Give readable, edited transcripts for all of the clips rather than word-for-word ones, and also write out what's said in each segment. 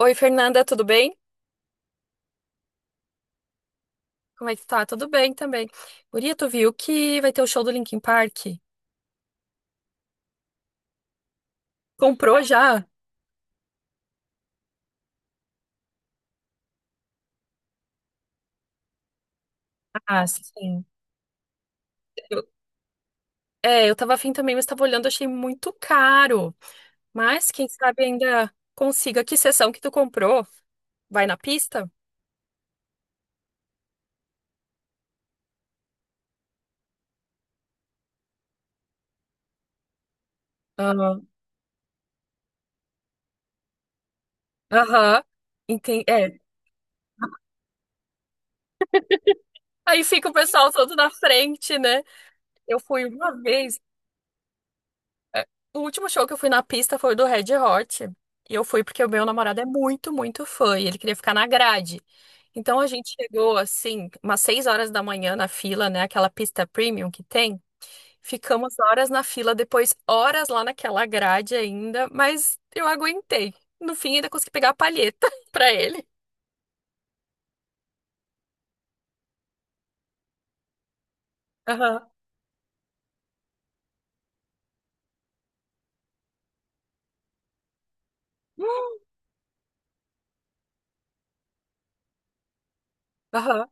Oi, Fernanda, tudo bem? Como é que tá? Tudo bem também. Guria, tu viu que vai ter o show do Linkin Park? Comprou já? Ah, sim. Eu- É, eu tava afim também, mas tava olhando, achei muito caro. Mas quem sabe ainda consiga. Que sessão que tu comprou? Vai na pista? Aham. Aham. Entendi. É. Aí fica o pessoal todo na frente, né? Eu fui uma vez. É, o último show que eu fui na pista foi o do Red Hot. E eu fui porque o meu namorado é muito, muito fã e ele queria ficar na grade. Então a gente chegou assim, umas 6 horas da manhã na fila, né? Aquela pista premium que tem. Ficamos horas na fila, depois horas lá naquela grade ainda, mas eu aguentei. No fim, ainda consegui pegar a palheta pra ele. Aham, aham,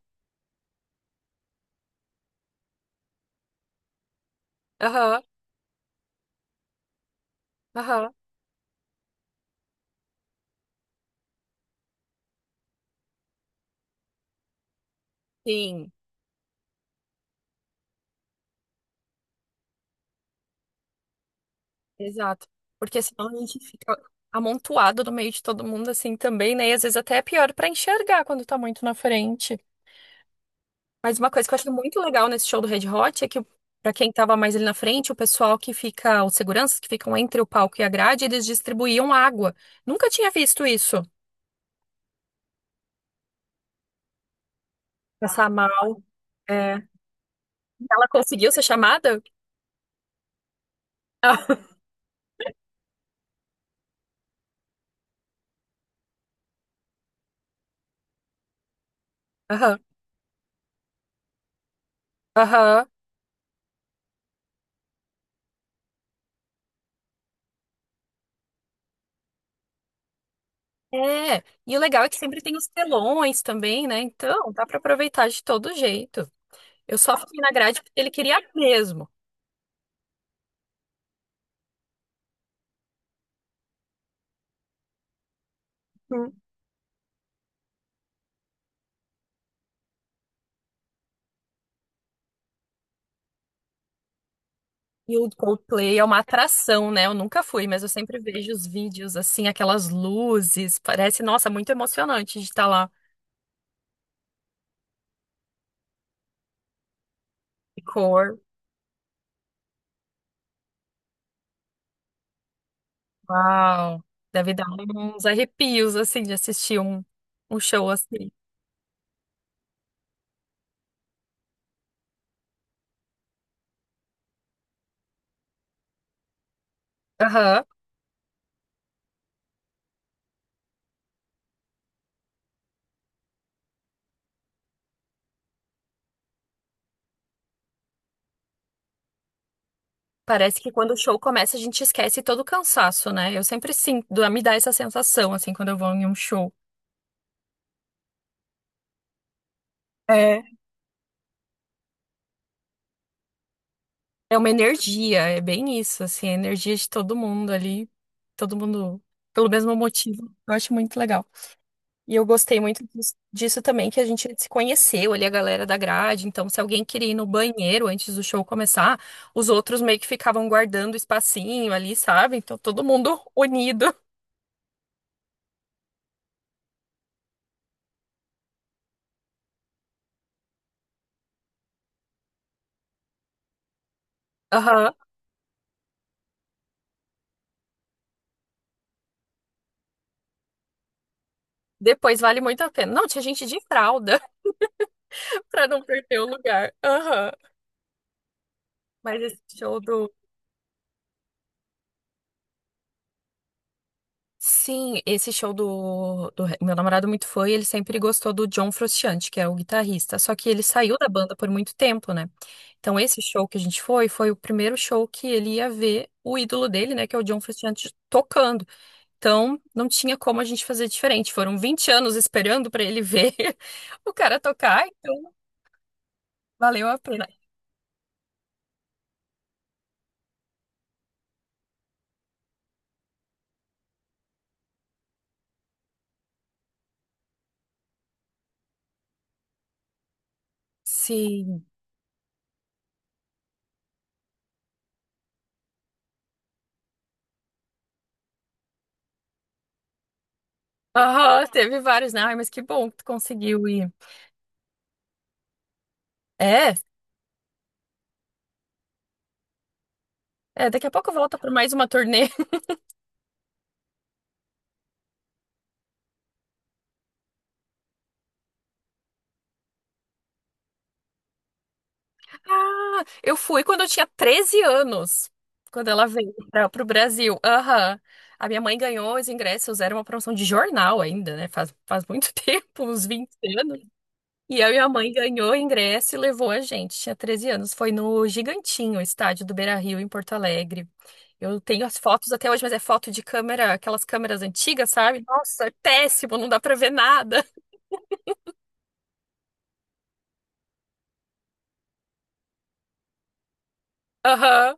aham, aham. Sim. Exato. Porque senão a gente fica amontoado no meio de todo mundo assim também, né? E às vezes até é pior pra enxergar quando tá muito na frente. Mas uma coisa que eu achei muito legal nesse show do Red Hot é que pra quem tava mais ali na frente, o pessoal que fica, os seguranças que ficam entre o palco e a grade, eles distribuíam água. Nunca tinha visto isso. Passar mal. É. Ela conseguiu ser chamada? Ah. Aham. Aham. É. E o legal é que sempre tem os telões também, né? Então, dá pra aproveitar de todo jeito. Eu só fui na grade porque ele queria mesmo. Hum. E o Coldplay é uma atração, né? Eu nunca fui, mas eu sempre vejo os vídeos, assim, aquelas luzes. Parece, nossa, muito emocionante de estar lá. E cor, uau. Deve dar uns arrepios, assim, de assistir um, um show assim. Aham. Parece que quando o show começa, a gente esquece todo o cansaço, né? Eu sempre sinto, me dá essa sensação, assim, quando eu vou em um show. É uma energia, é bem isso, assim, a energia de todo mundo ali, todo mundo pelo mesmo motivo. Eu acho muito legal. E eu gostei muito disso também, que a gente se conheceu ali, a galera da grade. Então, se alguém queria ir no banheiro antes do show começar, os outros meio que ficavam guardando o espacinho ali, sabe? Então, todo mundo unido. Aham. Depois vale muito a pena. Não, tinha gente de fralda pra não perder o lugar. Aham. Mas esse show do. Sim, esse show do, meu namorado muito foi, ele sempre gostou do John Frusciante, que é o guitarrista. Só que ele saiu da banda por muito tempo, né? Então, esse show que a gente foi, foi o primeiro show que ele ia ver o ídolo dele, né? Que é o John Frusciante tocando. Então, não tinha como a gente fazer diferente. Foram 20 anos esperando pra ele ver o cara tocar, então valeu a pena. Sim. Aham, teve vários, né? Ai, mas que bom que tu conseguiu ir. É, é, daqui a pouco volta para mais uma turnê. Ah, eu fui quando eu tinha 13 anos, quando ela veio para o Brasil. Aham. A minha mãe ganhou os ingressos, era uma promoção de jornal ainda, né? Faz muito tempo, uns 20 anos. E a minha mãe ganhou o ingresso e levou a gente. Tinha 13 anos. Foi no Gigantinho, estádio do Beira-Rio, em Porto Alegre. Eu tenho as fotos até hoje, mas é foto de câmera, aquelas câmeras antigas, sabe? Nossa, é péssimo, não dá pra ver nada. Aham.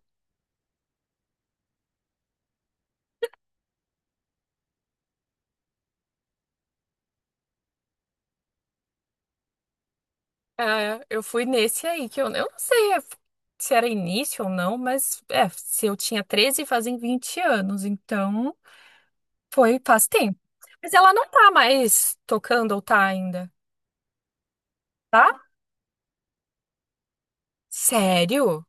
É, eu fui nesse aí, que eu não sei é, se era início ou não, mas é, se eu tinha 13 fazem 20 anos, então foi faz tempo. Mas ela não tá mais tocando ou tá ainda, tá? Sério?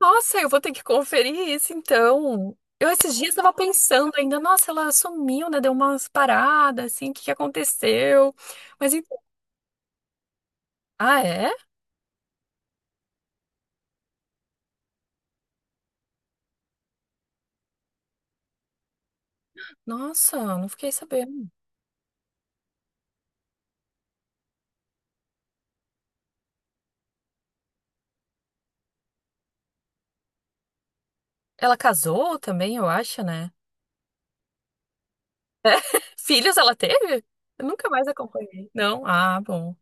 Nossa, eu vou ter que conferir isso então. Eu esses dias tava pensando ainda, nossa, ela sumiu, né? Deu umas paradas, assim, o que que aconteceu? Mas então. Ah, é? Nossa, não fiquei sabendo. Ela casou também, eu acho, né? Filhos ela teve? Eu nunca mais acompanhei. Não? Ah, bom.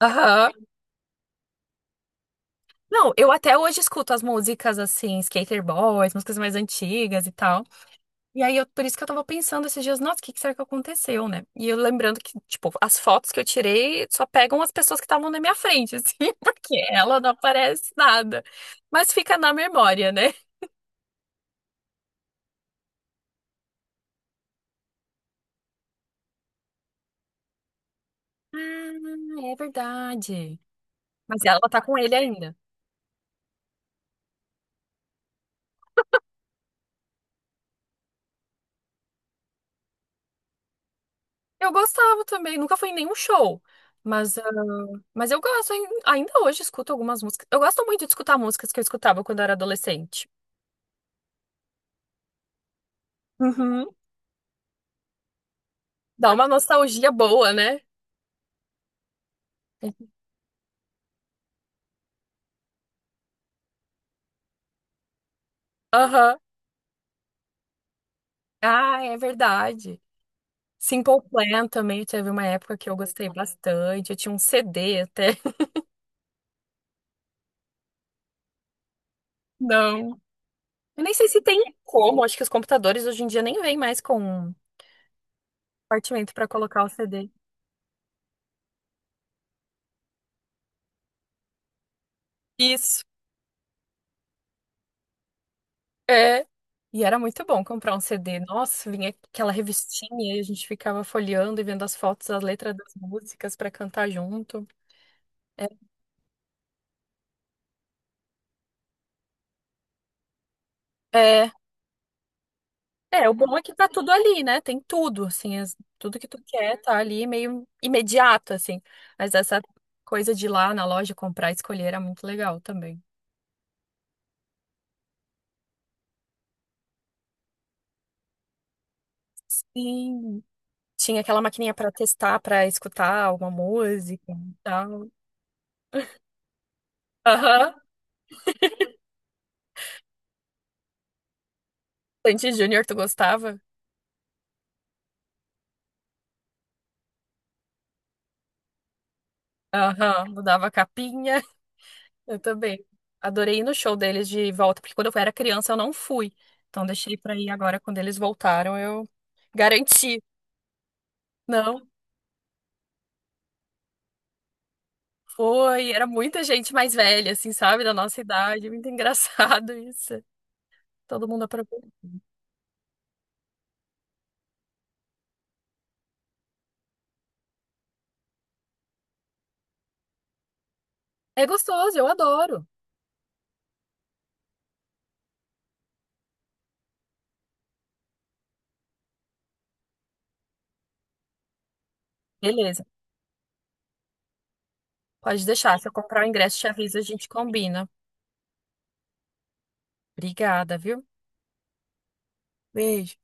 Aham. Não, eu até hoje escuto as músicas assim, Skater Boys, músicas mais antigas e tal. E aí, eu, por isso que eu tava pensando esses dias, nossa, o que que será que aconteceu, né? E eu lembrando que, tipo, as fotos que eu tirei só pegam as pessoas que estavam na minha frente, assim, porque ela não aparece nada. Mas fica na memória, né? Ah, é verdade. Mas ela tá com ele ainda. Eu gostava também, nunca fui em nenhum show. Mas, ah, mas eu gosto, ainda hoje escuto algumas músicas. Eu gosto muito de escutar músicas que eu escutava quando eu era adolescente. Uhum. Dá uma nostalgia boa, né? Aham. Ah, é verdade. Simple Plan também teve uma época que eu gostei bastante. Eu tinha um CD até. Não. Eu nem sei se tem como. Acho que os computadores hoje em dia nem vêm mais com compartimento para colocar o CD. Isso. É. E era muito bom comprar um CD. Nossa, vinha aquela revistinha e a gente ficava folheando e vendo as fotos, as letras das músicas pra cantar junto. É, é, é, o bom é que tá tudo ali, né? Tem tudo, assim, as- tudo que tu quer tá ali meio imediato, assim. Mas essa coisa de ir lá na loja comprar e escolher era muito legal também. Sim. Tinha aquela maquininha pra testar, pra escutar alguma música e tal. Aham. Sandy Júnior, tu gostava? Aham. Mudava a capinha. Eu também. Adorei ir no show deles de volta, porque quando eu era criança eu não fui. Então deixei pra ir agora quando eles voltaram, eu garanti. Não, foi. Era muita gente mais velha, assim, sabe, da nossa idade. Muito engraçado isso. Todo mundo aproveitou. É gostoso, eu adoro. Beleza, pode deixar. Se eu comprar o ingresso, te aviso, a gente combina. Obrigada, viu? Beijo.